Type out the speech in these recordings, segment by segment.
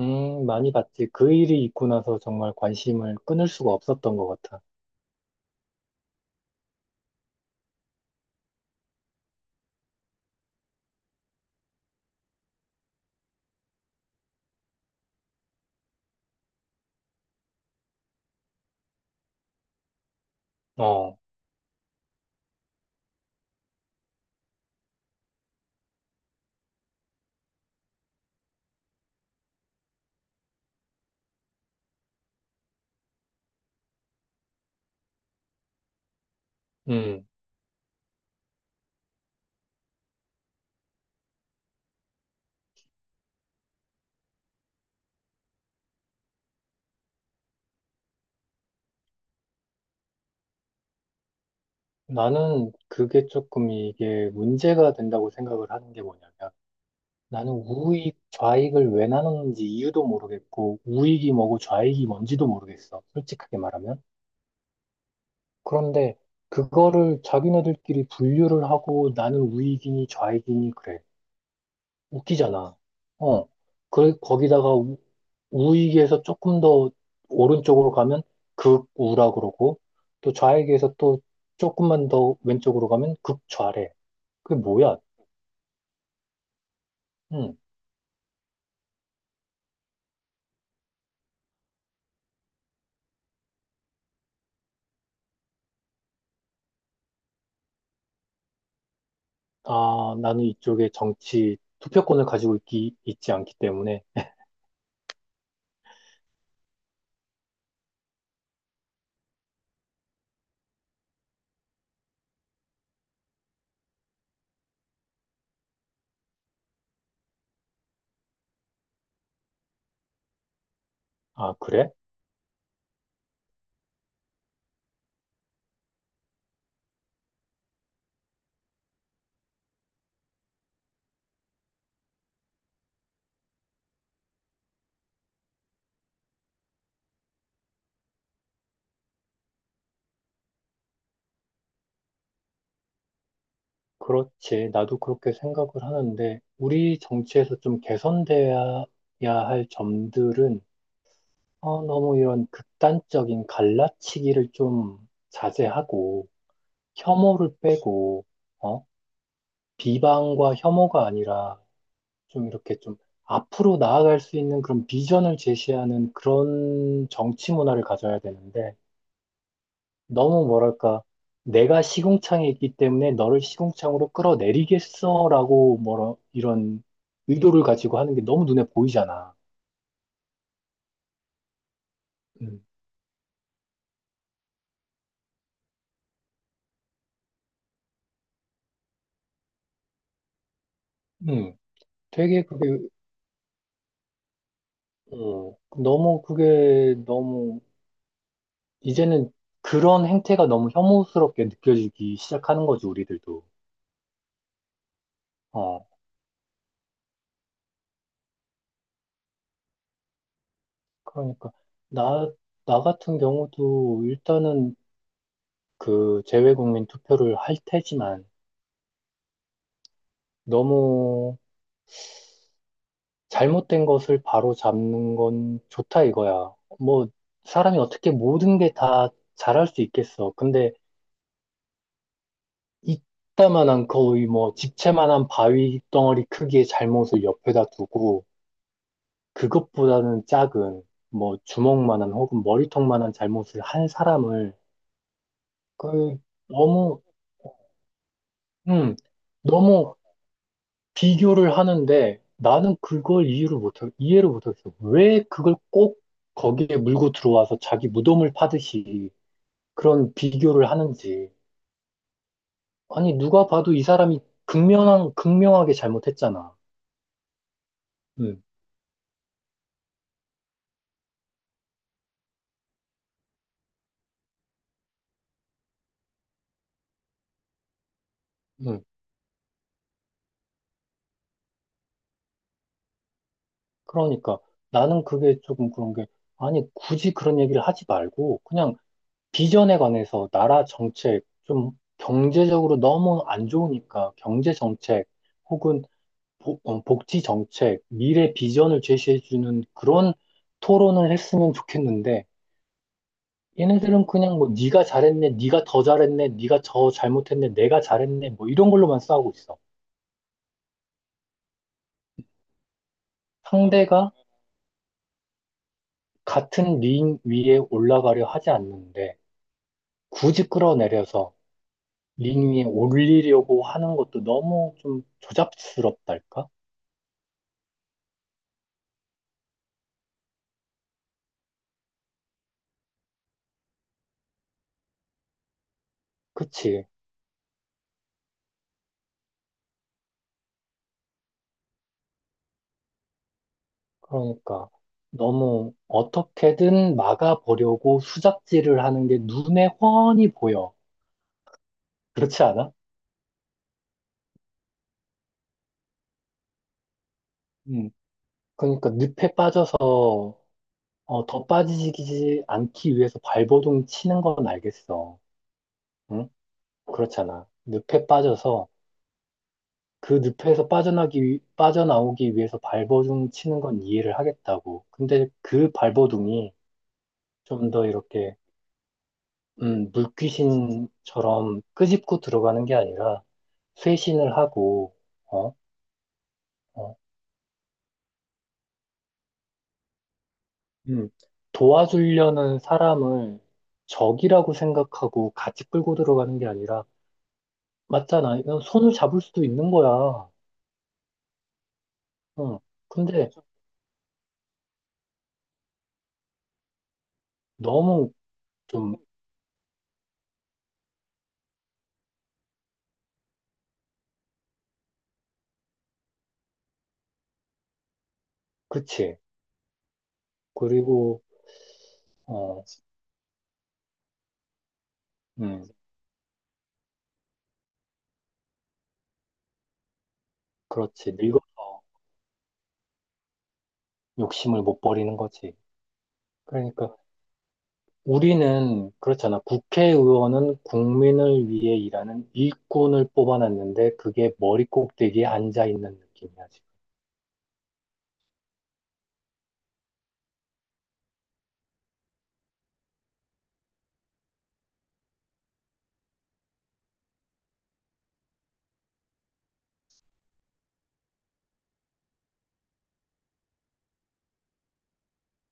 많이 봤지. 그 일이 있고 나서 정말 관심을 끊을 수가 없었던 것 같아. 어, 음. 나는 그게 조금 이게 문제가 된다고 생각을 하는 게 뭐냐면 나는 우익, 좌익을 왜 나누는지 이유도 모르겠고 우익이 뭐고 좌익이 뭔지도 모르겠어. 솔직하게 말하면. 그런데 그거를 자기네들끼리 분류를 하고 나는 우익이니 좌익이니 그래. 웃기잖아. 어. 그, 거기다가 우익에서 조금 더 오른쪽으로 가면 극우라 그러고, 또 좌익에서 또 조금만 더 왼쪽으로 가면 극좌래. 그게 뭐야? 응. 아, 나는 이쪽에 정치 투표권을 가지고 있지 않기 때문에. 아, 그래? 그렇지. 나도 그렇게 생각을 하는데, 우리 정치에서 좀 개선돼야 할 점들은 어, 너무 이런 극단적인 갈라치기를 좀 자제하고, 혐오를 빼고, 어? 비방과 혐오가 아니라 좀 이렇게 좀 앞으로 나아갈 수 있는 그런 비전을 제시하는 그런 정치 문화를 가져야 되는데, 너무 뭐랄까, 내가 시궁창에 있기 때문에 너를 시궁창으로 끌어내리겠어라고 뭐라 이런 의도를 가지고 하는 게 너무 눈에 보이잖아. 음. 음. 되게 그게 어, 너무 그게 너무 이제는 그런 행태가 너무 혐오스럽게 느껴지기 시작하는 거지, 우리들도. 어, 그러니까, 나, 나 같은 경우도 일단은 그 재외국민 투표를 할 테지만 너무 잘못된 것을 바로 잡는 건 좋다 이거야. 뭐, 사람이 어떻게 모든 게 다 잘할 수 있겠어. 근데 이따만한 거의 뭐 집채만한 바위 덩어리 크기의 잘못을 옆에다 두고 그것보다는 작은, 뭐, 주먹만한 혹은 머리통만한 잘못을 한 사람을, 그, 너무, 음, 너무 비교를 하는데 나는 그걸 이유를 못, 이해를 못하겠어. 왜 그걸 꼭 거기에 물고 들어와서 자기 무덤을 파듯이 그런 비교를 하는지. 아니, 누가 봐도 이 사람이 극명하게 잘못했잖아. 음, 음. 그러니까 나는 그게 조금 그런 게, 아니, 굳이 그런 얘기를 하지 말고, 그냥 비전에 관해서 나라 정책, 좀 경제적으로 너무 안 좋으니까 경제 정책 혹은 복지 정책, 미래 비전을 제시해주는 그런 토론을 했으면 좋겠는데 얘네들은 그냥 뭐 네가 잘했네, 네가 더 잘했네, 네가 더 잘못했네, 내가 잘했네 뭐 이런 걸로만 싸우고 있어. 상대가 같은 링 위에 올라가려 하지 않는데 굳이 끌어내려서 링 위에 올리려고 하는 것도 너무 좀 조잡스럽달까? 그치. 그러니까 너무 어떻게든 막아보려고 수작질을 하는 게 눈에 훤히 보여. 그렇지 않아? 음. 그러니까 늪에 빠져서 어, 더 빠지지 않기 위해서 발버둥 치는 건 알겠어. 응? 그렇잖아. 늪에 빠져서 그 늪에서 빠져나오기 위해서 발버둥 치는 건 이해를 하겠다고. 근데 그 발버둥이 좀 더 이렇게 물귀신처럼 끄집고 들어가는 게 아니라 쇄신을 하고, 어, 어, 음, 도와주려는 사람을 적이라고 생각하고 같이 끌고 들어가는 게 아니라, 맞잖아. 이건 손을 잡을 수도 있는 거야. 응. 근데 너무 좀, 그치. 그리고, 어, 음, 그렇지. 늙어서 욕심을 못 버리는 거지. 그러니까 우리는 그렇잖아. 국회의원은 국민을 위해 일하는 일꾼을 뽑아놨는데 그게 머리 꼭대기에 앉아 있는 느낌이야, 지금.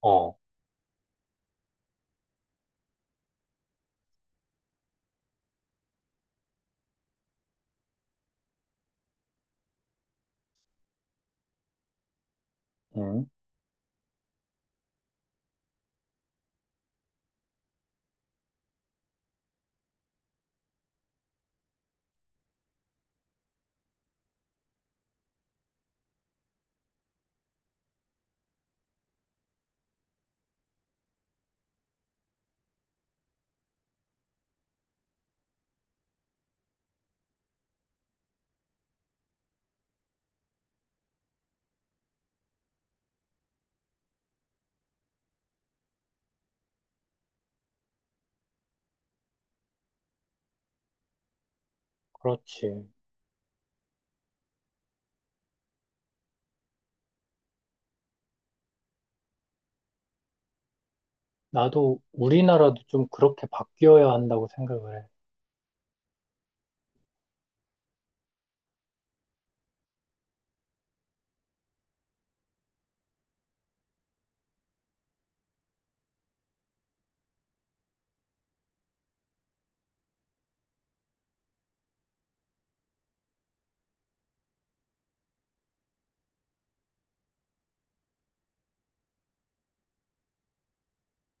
어, 응, 그렇지. 나도 우리나라도 좀 그렇게 바뀌어야 한다고 생각을 해.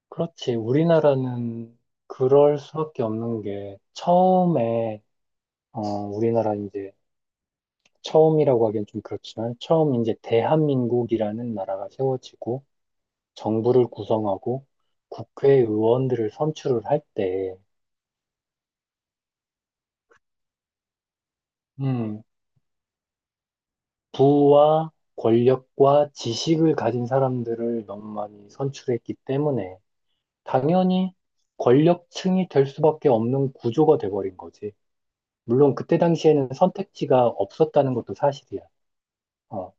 그렇지. 우리나라는 그럴 수밖에 없는 게 처음에 우리나라 이제 처음이라고 하기엔 좀 그렇지만 처음 이제 대한민국이라는 나라가 세워지고 정부를 구성하고 국회의원들을 선출을 할 때, 음, 부와 권력과 지식을 가진 사람들을 너무 많이 선출했기 때문에 당연히 권력층이 될 수밖에 없는 구조가 돼버린 거지. 물론 그때 당시에는 선택지가 없었다는 것도 사실이야. 어,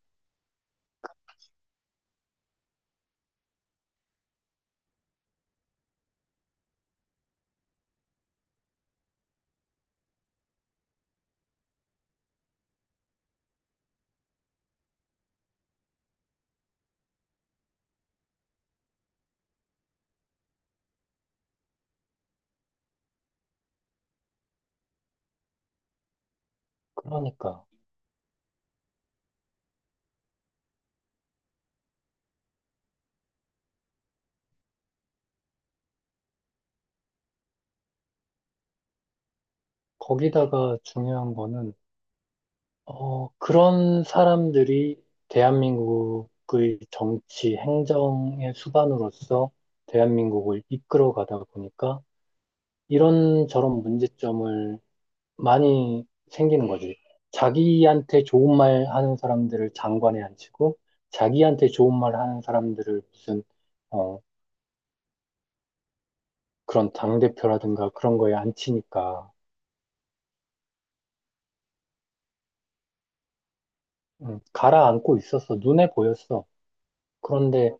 그러니까 거기다가 중요한 거는 그런 사람들이 대한민국의 정치, 행정의 수반으로서 대한민국을 이끌어 가다 보니까 이런저런 문제점을 많이 생기는 거지. 자기한테 좋은 말 하는 사람들을 장관에 앉히고, 자기한테 좋은 말 하는 사람들을 무슨, 어, 그런 당대표라든가 그런 거에 앉히니까, 가라앉고 있었어. 눈에 보였어. 그런데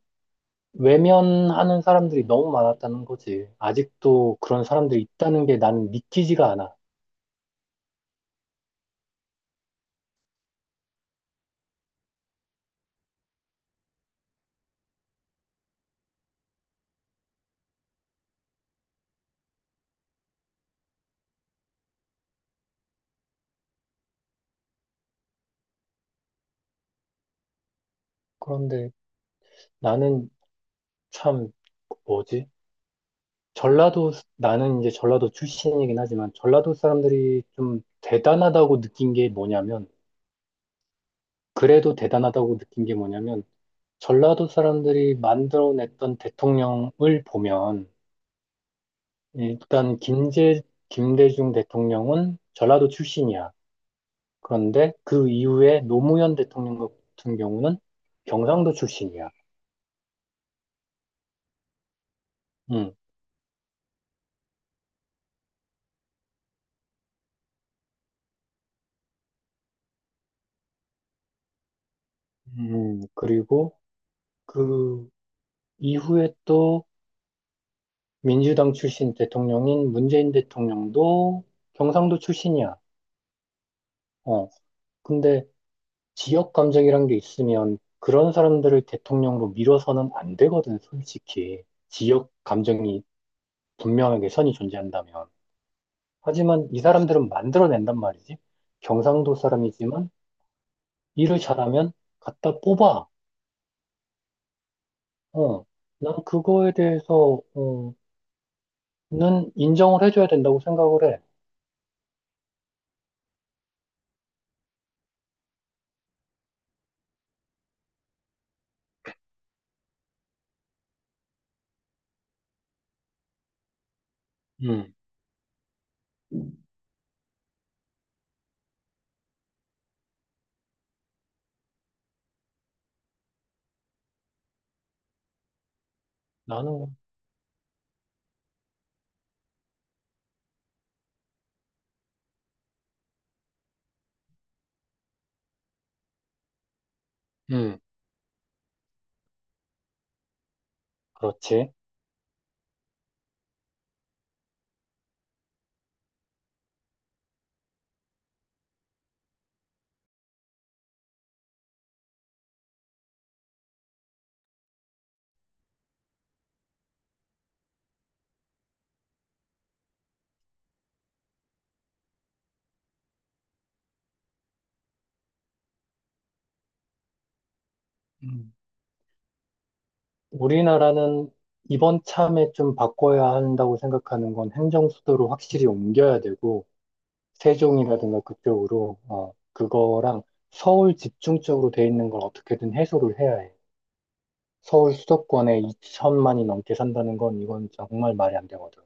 외면하는 사람들이 너무 많았다는 거지. 아직도 그런 사람들이 있다는 게 나는 믿기지가 않아. 그런데 나는 참 뭐지? 전라도 나는 이제 전라도 출신이긴 하지만 전라도 사람들이 좀 대단하다고 느낀 게 뭐냐면 그래도 대단하다고 느낀 게 뭐냐면 전라도 사람들이 만들어냈던 대통령을 보면 일단 김제 김대중 대통령은 전라도 출신이야. 그런데 그 이후에 노무현 대통령 같은 경우는 경상도 출신이야. 음, 그리고 그 이후에 또 민주당 출신 대통령인 문재인 대통령도 경상도 출신이야. 어, 근데 지역 감정이란 게 있으면 그런 사람들을 대통령으로 밀어서는 안 되거든, 솔직히. 지역 감정이 분명하게 선이 존재한다면. 하지만 이 사람들은 만들어낸단 말이지. 경상도 사람이지만 일을 잘하면 갖다 뽑아. 어, 난 그거에 대해서, 는 인정을 해줘야 된다고 생각을 해. 음, 나는, 음, 그렇지. 음. 우리나라는 이번 참에 좀 바꿔야 한다고 생각하는 건 행정수도를 확실히 옮겨야 되고, 세종이라든가 그쪽으로, 어, 그거랑 서울 집중적으로 돼 있는 걸 어떻게든 해소를 해야 해. 서울 수도권에 2천만이 넘게 산다는 건 이건 정말 말이 안 되거든.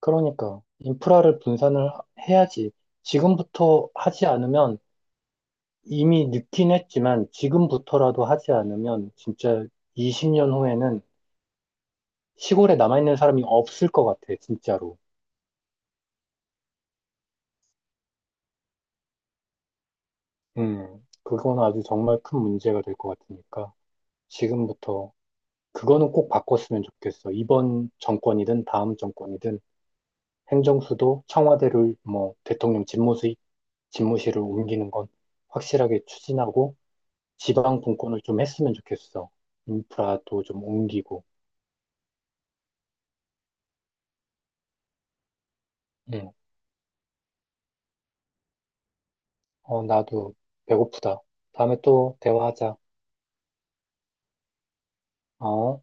그러니까 인프라를 해야지. 지금부터 하지 않으면 이미 늦긴 했지만 지금부터라도 하지 않으면 진짜 20년 후에는 시골에 남아있는 사람이 없을 것 같아, 진짜로. 그건 아주 정말 큰 문제가 될 것 같으니까 지금부터 그거는 꼭 바꿨으면 좋겠어. 이번 정권이든 다음 정권이든 행정수도 청와대를 뭐 대통령 집무실, 집무실을 옮기는 건 확실하게 추진하고 지방 분권을 좀 했으면 좋겠어. 인프라도 좀 옮기고. 응. 어, 나도 배고프다. 다음에 또 대화하자. 어?